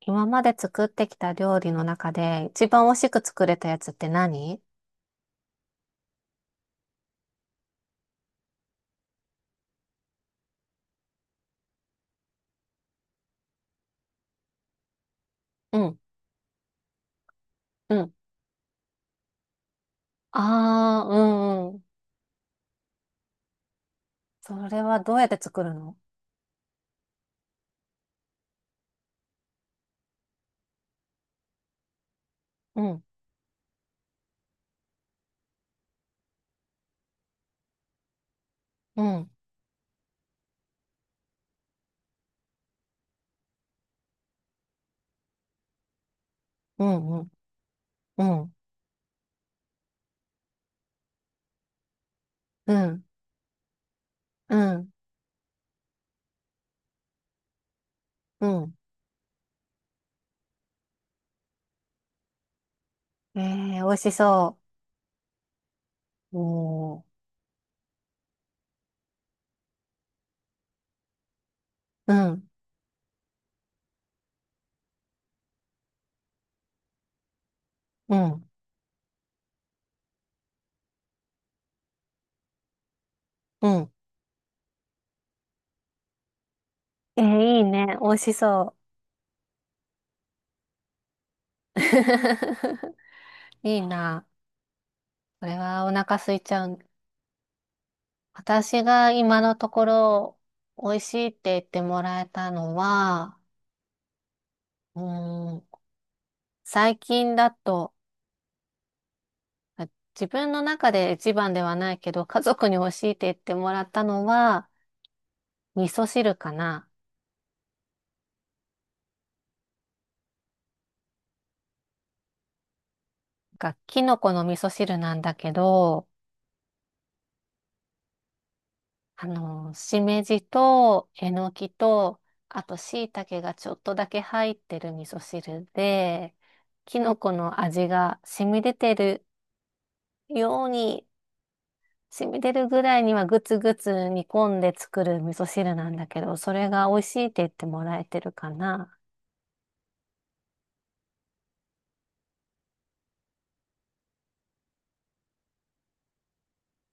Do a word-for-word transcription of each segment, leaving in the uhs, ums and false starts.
今まで作ってきた料理の中で一番美味しく作れたやつって何？うん、うん。ああー、うんうん。それはどうやって作るの？うん、うん、うん、うん、うん、うん、うん、うん。えー、美味しそうおー、う。うん。うん、うん。えー、いいね。美味しそう。いいな。これはお腹空いちゃう。私が今のところ美味しいって言ってもらえたのは、うーん、最近だと、あ、自分の中で一番ではないけど、家族に教えて言ってもらったのは、味噌汁かな。なんかキノコの味噌汁なんだけど、あの、しめじと、えのきと、あと、椎茸がちょっとだけ入ってる味噌汁で、キノコの味が染み出てるように、染み出るぐらいにはぐつぐつ煮込んで作る味噌汁なんだけど、それが美味しいって言ってもらえてるかな。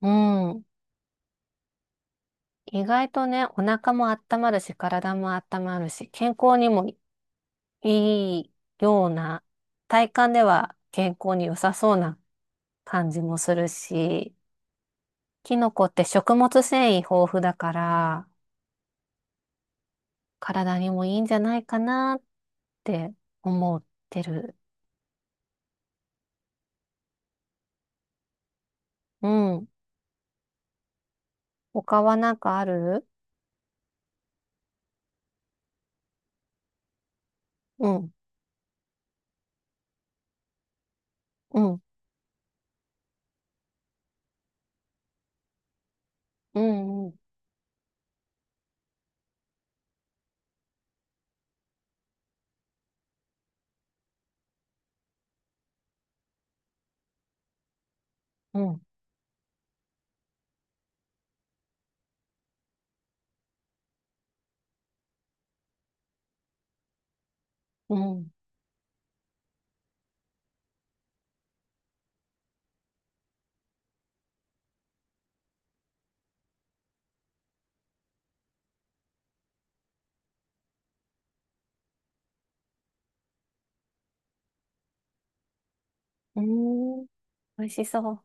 うん。意外とね、お腹も温まるし、体も温まるし、健康にもいいような、体感では健康に良さそうな感じもするし、キノコって食物繊維豊富だから、体にもいいんじゃないかなって思ってる。うん。他はなんかある？うん、うん、うん、うん、うん、うん。うーん、美味しそう。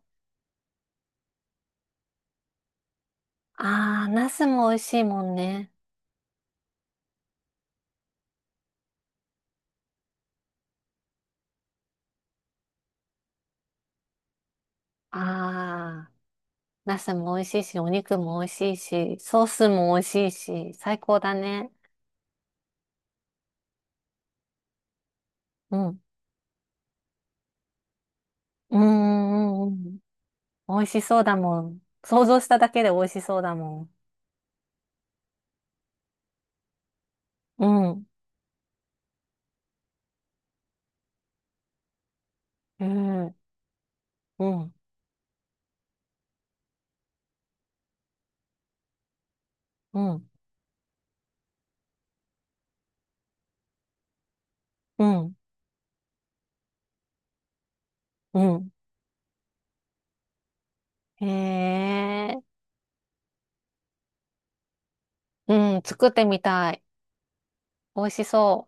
あー、ナスも美味しいもんね。ああ、ナスも美味しいし、お肉も美味しいし、ソースも美味しいし、最高だね。うん。うーん、うん、うん。美味しそうだもん。想像しただけで美味しそうだもん。うん、うん、うん、うん、うん、うん。へえ、うん、作ってみたい。美味しそ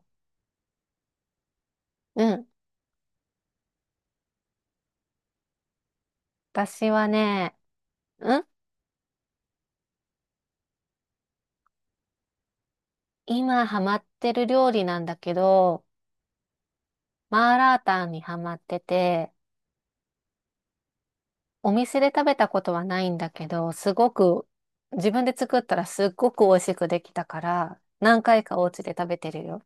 う。うん。私はね、うん、今ハマってる料理なんだけど、マーラータンにハマってて、お店で食べたことはないんだけど、すごく、自分で作ったらすっごく美味しくできたから、何回かお家で食べてるよ。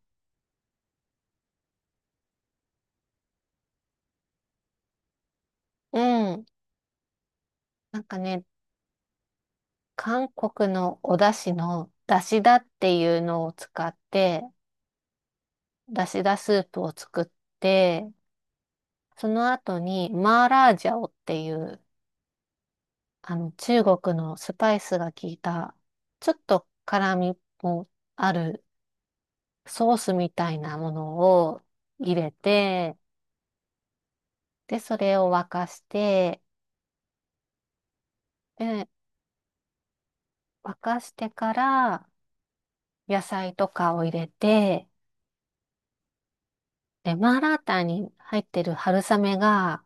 うん。なんかね、韓国のお出汁の、出汁だっていうのを使って、出汁だスープを作って、その後に、マーラージャオっていう、あの、中国のスパイスが効いた、ちょっと辛みもあるソースみたいなものを入れて、で、それを沸かして、で、沸かしてから野菜とかを入れて、で、マーラータンに入ってる春雨が、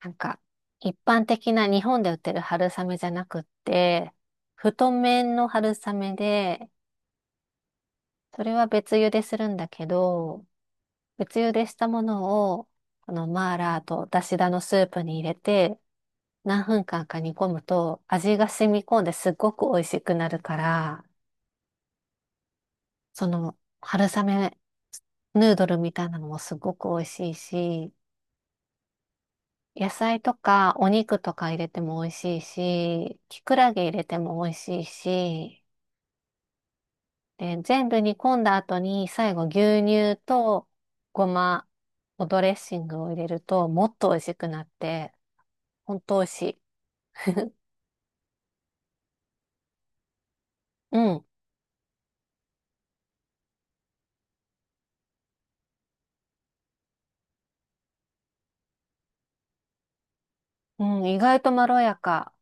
なんか、一般的な日本で売ってる春雨じゃなくって、太麺の春雨で、それは別茹でするんだけど、別茹でしたものを、このマーラーとだしだのスープに入れて、何分間か煮込むと味が染み込んですっごく美味しくなるから、その、春雨ヌードルみたいなのもすごく美味しいし、野菜とかお肉とか入れても美味しいし、きくらげ入れても美味しいし、で、全部煮込んだ後に最後牛乳とごまおドレッシングを入れるともっと美味しくなって、ほんと美味しい。うん。うん、意外とまろやか。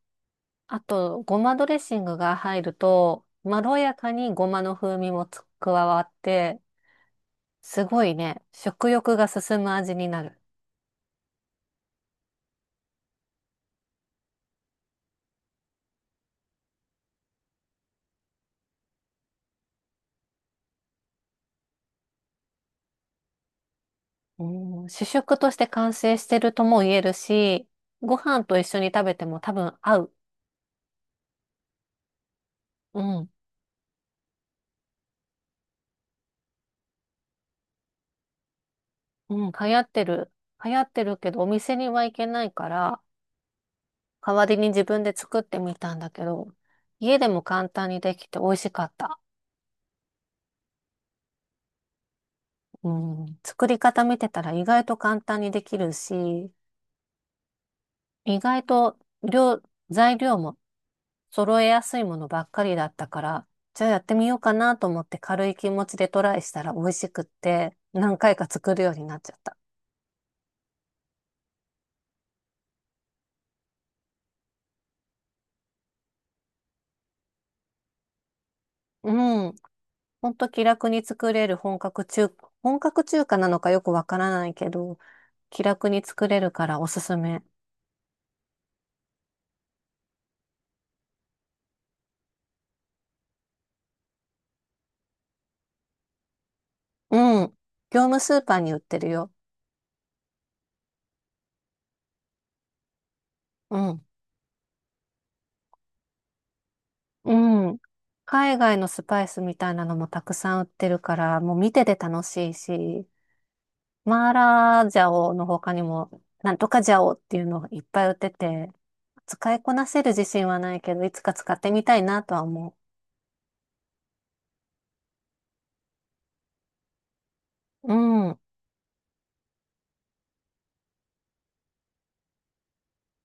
あと、ごまドレッシングが入ると、まろやかにごまの風味もつ加わって、すごいね。食欲が進む味になる。うん、主食として完成してるとも言えるし、ご飯と一緒に食べても多分合う。うん。うん、流行ってる。流行ってるけど、お店には行けないから、代わりに自分で作ってみたんだけど、家でも簡単にできて美味しかった。うん、作り方見てたら意外と簡単にできるし、意外と量、材料も揃えやすいものばっかりだったから、じゃあやってみようかなと思って軽い気持ちでトライしたら美味しくって、何回か作るようになっちゃった。うん。ほんと気楽に作れる本格中、本格中華なのかよくわからないけど、気楽に作れるからおすすめ。うん。業務スーパーに売ってるよ。うん。うん。海外のスパイスみたいなのもたくさん売ってるから、もう見てて楽しいし、マーラージャオの他にも、なんとかジャオっていうのがいっぱい売ってて、使いこなせる自信はないけど、いつか使ってみたいなとは思う。うん、う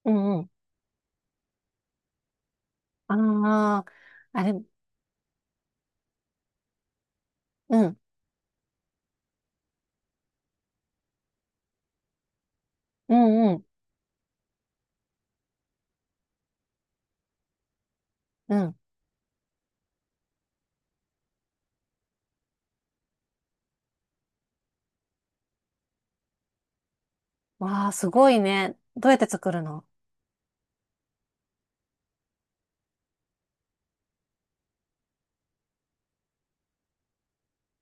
ん、うん。ああ、あれ、うん、うん、うん、うん。わあ、すごいね。どうやって作るの？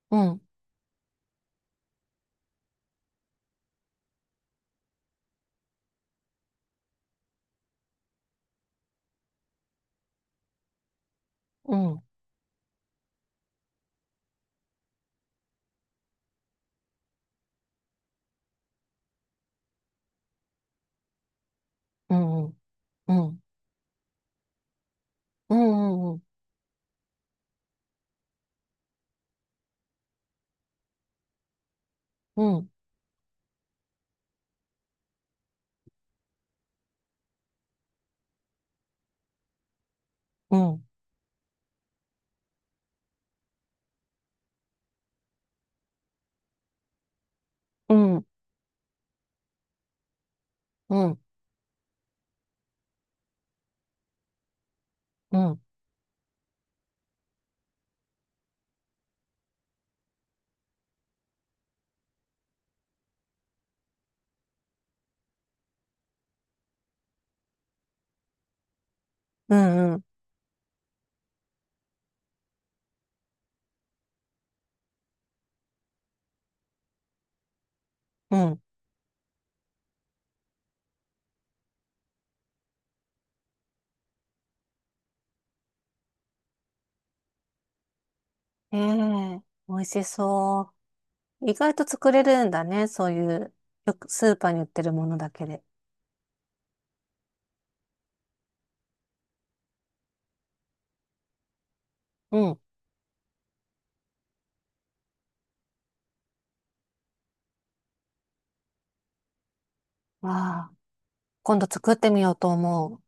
うん、うん、うん、うん、うん、うん、うん、うん、うん、うん、うん、うん、うん、うん。うんええ、美味しそう。意外と作れるんだね。そういう、よくスーパーに売ってるものだけで。うん。ああ、今度作ってみようと思う。